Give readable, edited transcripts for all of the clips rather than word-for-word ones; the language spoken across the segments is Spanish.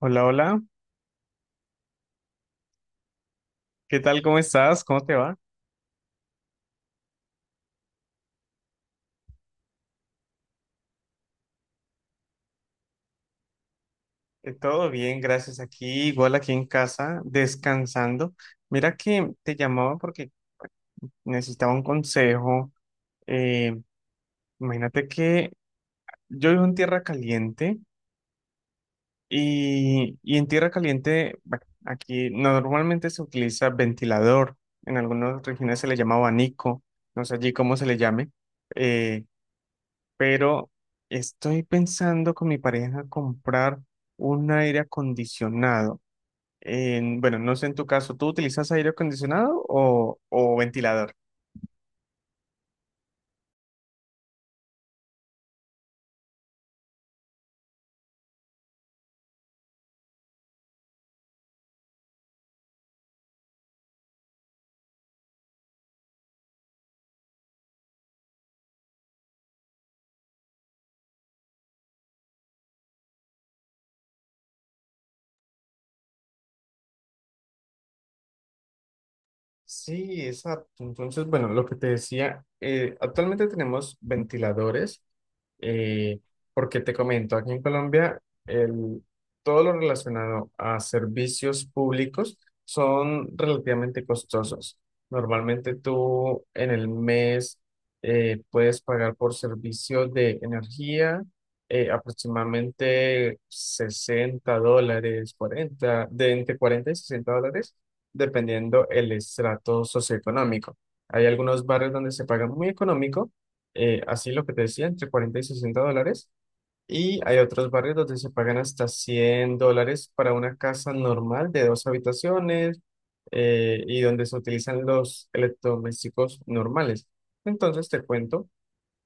Hola, hola. ¿Qué tal? ¿Cómo estás? ¿Cómo te va? Todo bien, gracias. Aquí, igual aquí en casa, descansando. Mira que te llamaba porque necesitaba un consejo. Eh, imagínate que yo vivo en Tierra Caliente y en Tierra Caliente, bueno, aquí normalmente se utiliza ventilador. En algunas regiones se le llama abanico. No sé allí cómo se le llame. Eh, pero estoy pensando con mi pareja comprar un aire acondicionado. Bueno, no sé en tu caso, ¿tú utilizas aire acondicionado o ventilador? Sí, exacto. Entonces, bueno, lo que te decía, actualmente tenemos ventiladores, eh, porque te comento, aquí en Colombia, el, todo lo relacionado a servicios públicos son relativamente costosos. Normalmente tú en el mes puedes pagar por servicios de energía aproximadamente $60, 40 de entre $40 y $60 dependiendo el estrato socioeconómico. Hay algunos barrios donde se paga muy económico, así lo que te decía, entre 40 y $60, y hay otros barrios donde se pagan hasta $100 para una casa normal de dos habitaciones y donde se utilizan los electrodomésticos normales. Entonces te cuento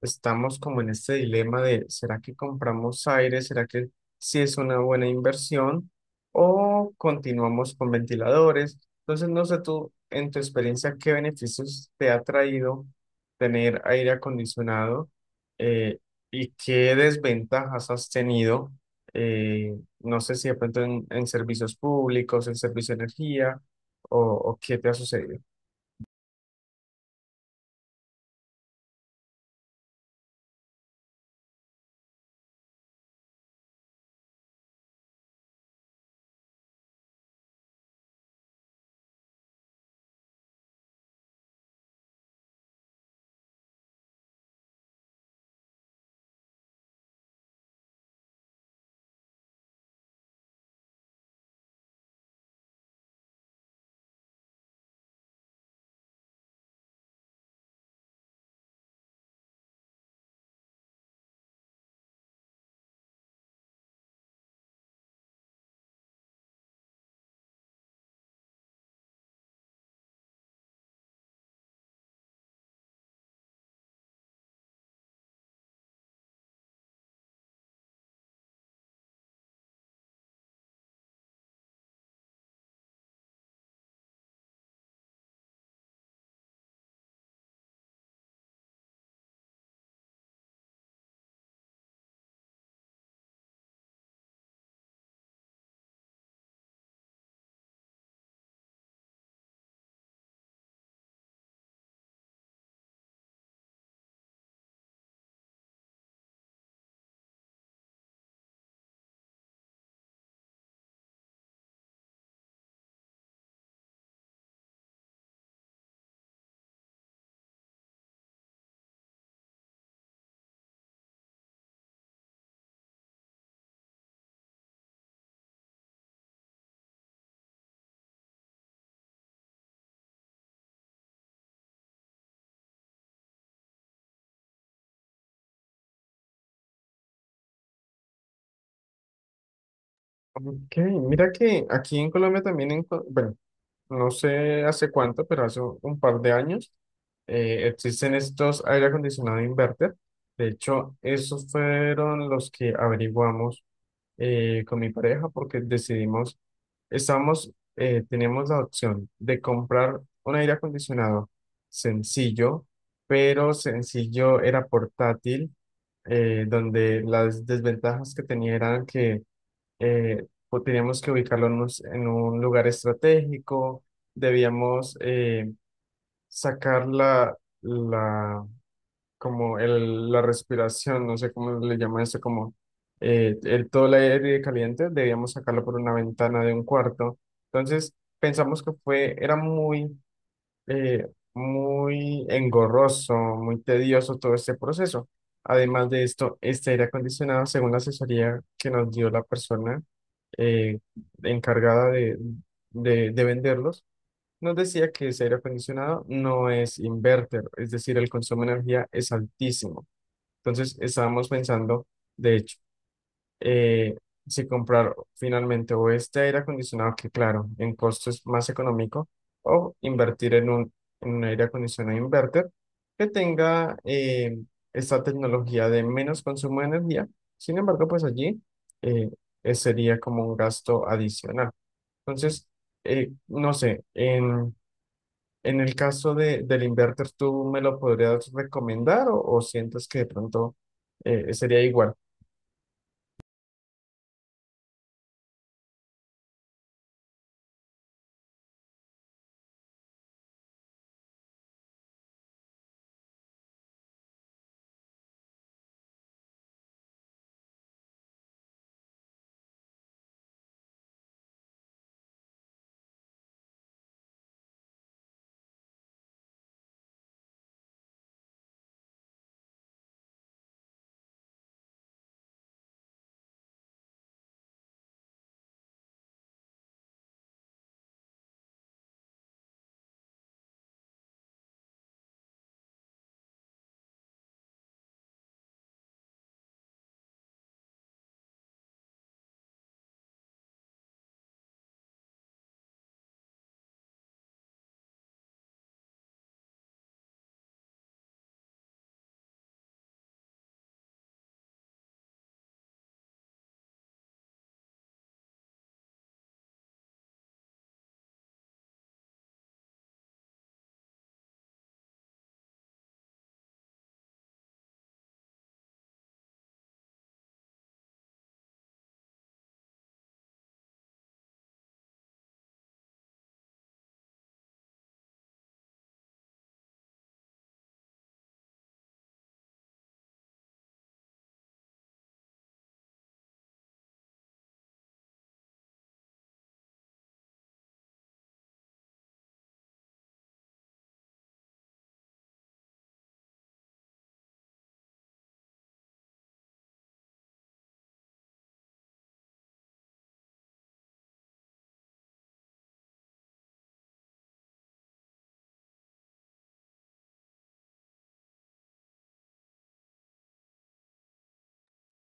estamos como en este dilema de, ¿será que compramos aire? ¿Será que sí es una buena inversión? ¿O continuamos con ventiladores? Entonces, no sé tú, en tu experiencia, ¿qué beneficios te ha traído tener aire acondicionado eh, y qué desventajas has tenido? Eh, no sé si de pronto en servicios públicos, en servicio de energía, o qué te ha sucedido. Ok, mira que aquí en Colombia también, bueno, no sé hace cuánto, pero hace un par de años, existen estos aire acondicionado inverter. De hecho, esos fueron los que averiguamos con mi pareja porque decidimos, estamos teníamos la opción de comprar un aire acondicionado sencillo, pero sencillo era portátil, donde las desventajas que tenía eran que pues teníamos que ubicarlo en un lugar estratégico, debíamos sacar la, como el, la respiración, no sé cómo le llaman eso, como todo el aire caliente, debíamos sacarlo por una ventana de un cuarto. Entonces, pensamos que era muy eh, muy engorroso, muy tedioso todo este proceso. Además de esto, este aire acondicionado, según la asesoría que nos dio la persona eh, encargada de venderlos, nos decía que ese aire acondicionado no es inverter, es decir, el consumo de energía es altísimo. Entonces, estábamos pensando, de hecho, eh, si comprar finalmente o este aire acondicionado, que claro, en costo es más económico, o invertir en un aire acondicionado inverter que tenga esta tecnología de menos consumo de energía. Sin embargo, pues allí eh, sería como un gasto adicional. Entonces, no sé, en el caso de, del inverter, ¿tú me lo podrías recomendar o sientes que de pronto sería igual?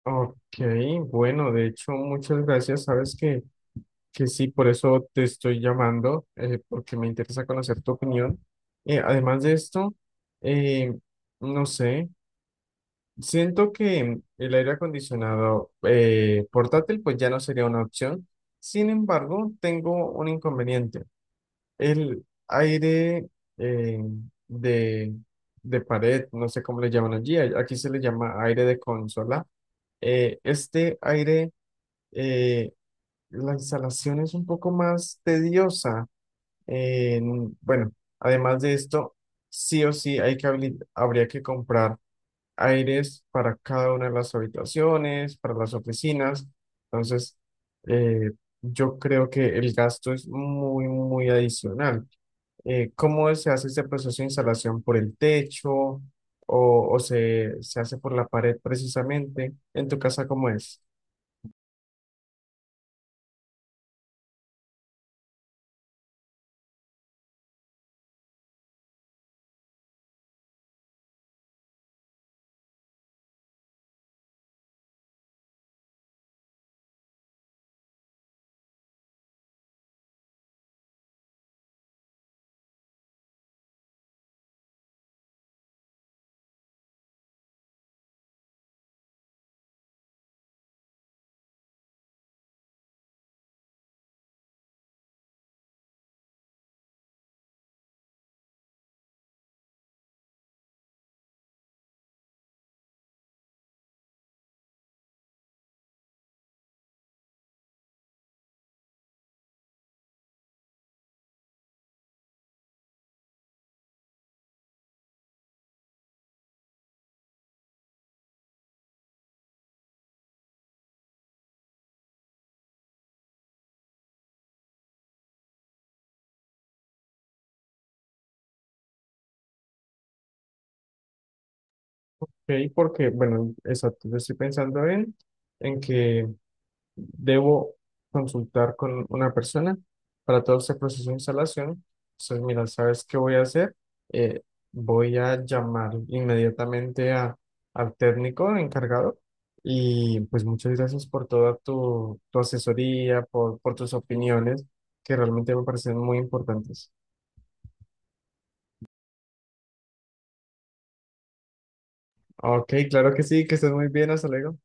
Ok, bueno, de hecho, muchas gracias. Sabes que sí, por eso te estoy llamando, porque me interesa conocer tu opinión. Además de esto, eh, no sé, siento que el aire acondicionado portátil pues ya no sería una opción. Sin embargo, tengo un inconveniente. El aire eh, de, de pared, no sé cómo le llaman allí, aquí se le llama aire de consola. Este aire eh, la instalación es un poco más tediosa. Bueno, además de esto, sí o sí hay que habría que comprar aires para cada una de las habitaciones, para las oficinas. Entonces, eh, yo creo que el gasto es muy, muy adicional. ¿Cómo se hace este proceso de instalación? ¿Por el techo o se hace por la pared precisamente? ¿En tu casa cómo es? Ok, porque, bueno, exacto, yo estoy pensando en que debo consultar con una persona para todo este proceso de instalación. Entonces, mira, ¿sabes qué voy a hacer? Eh, voy a llamar inmediatamente al técnico encargado y pues muchas gracias por toda tu asesoría, por tus opiniones, que realmente me parecen muy importantes. Ok, claro que sí, que estés muy bien, hasta luego.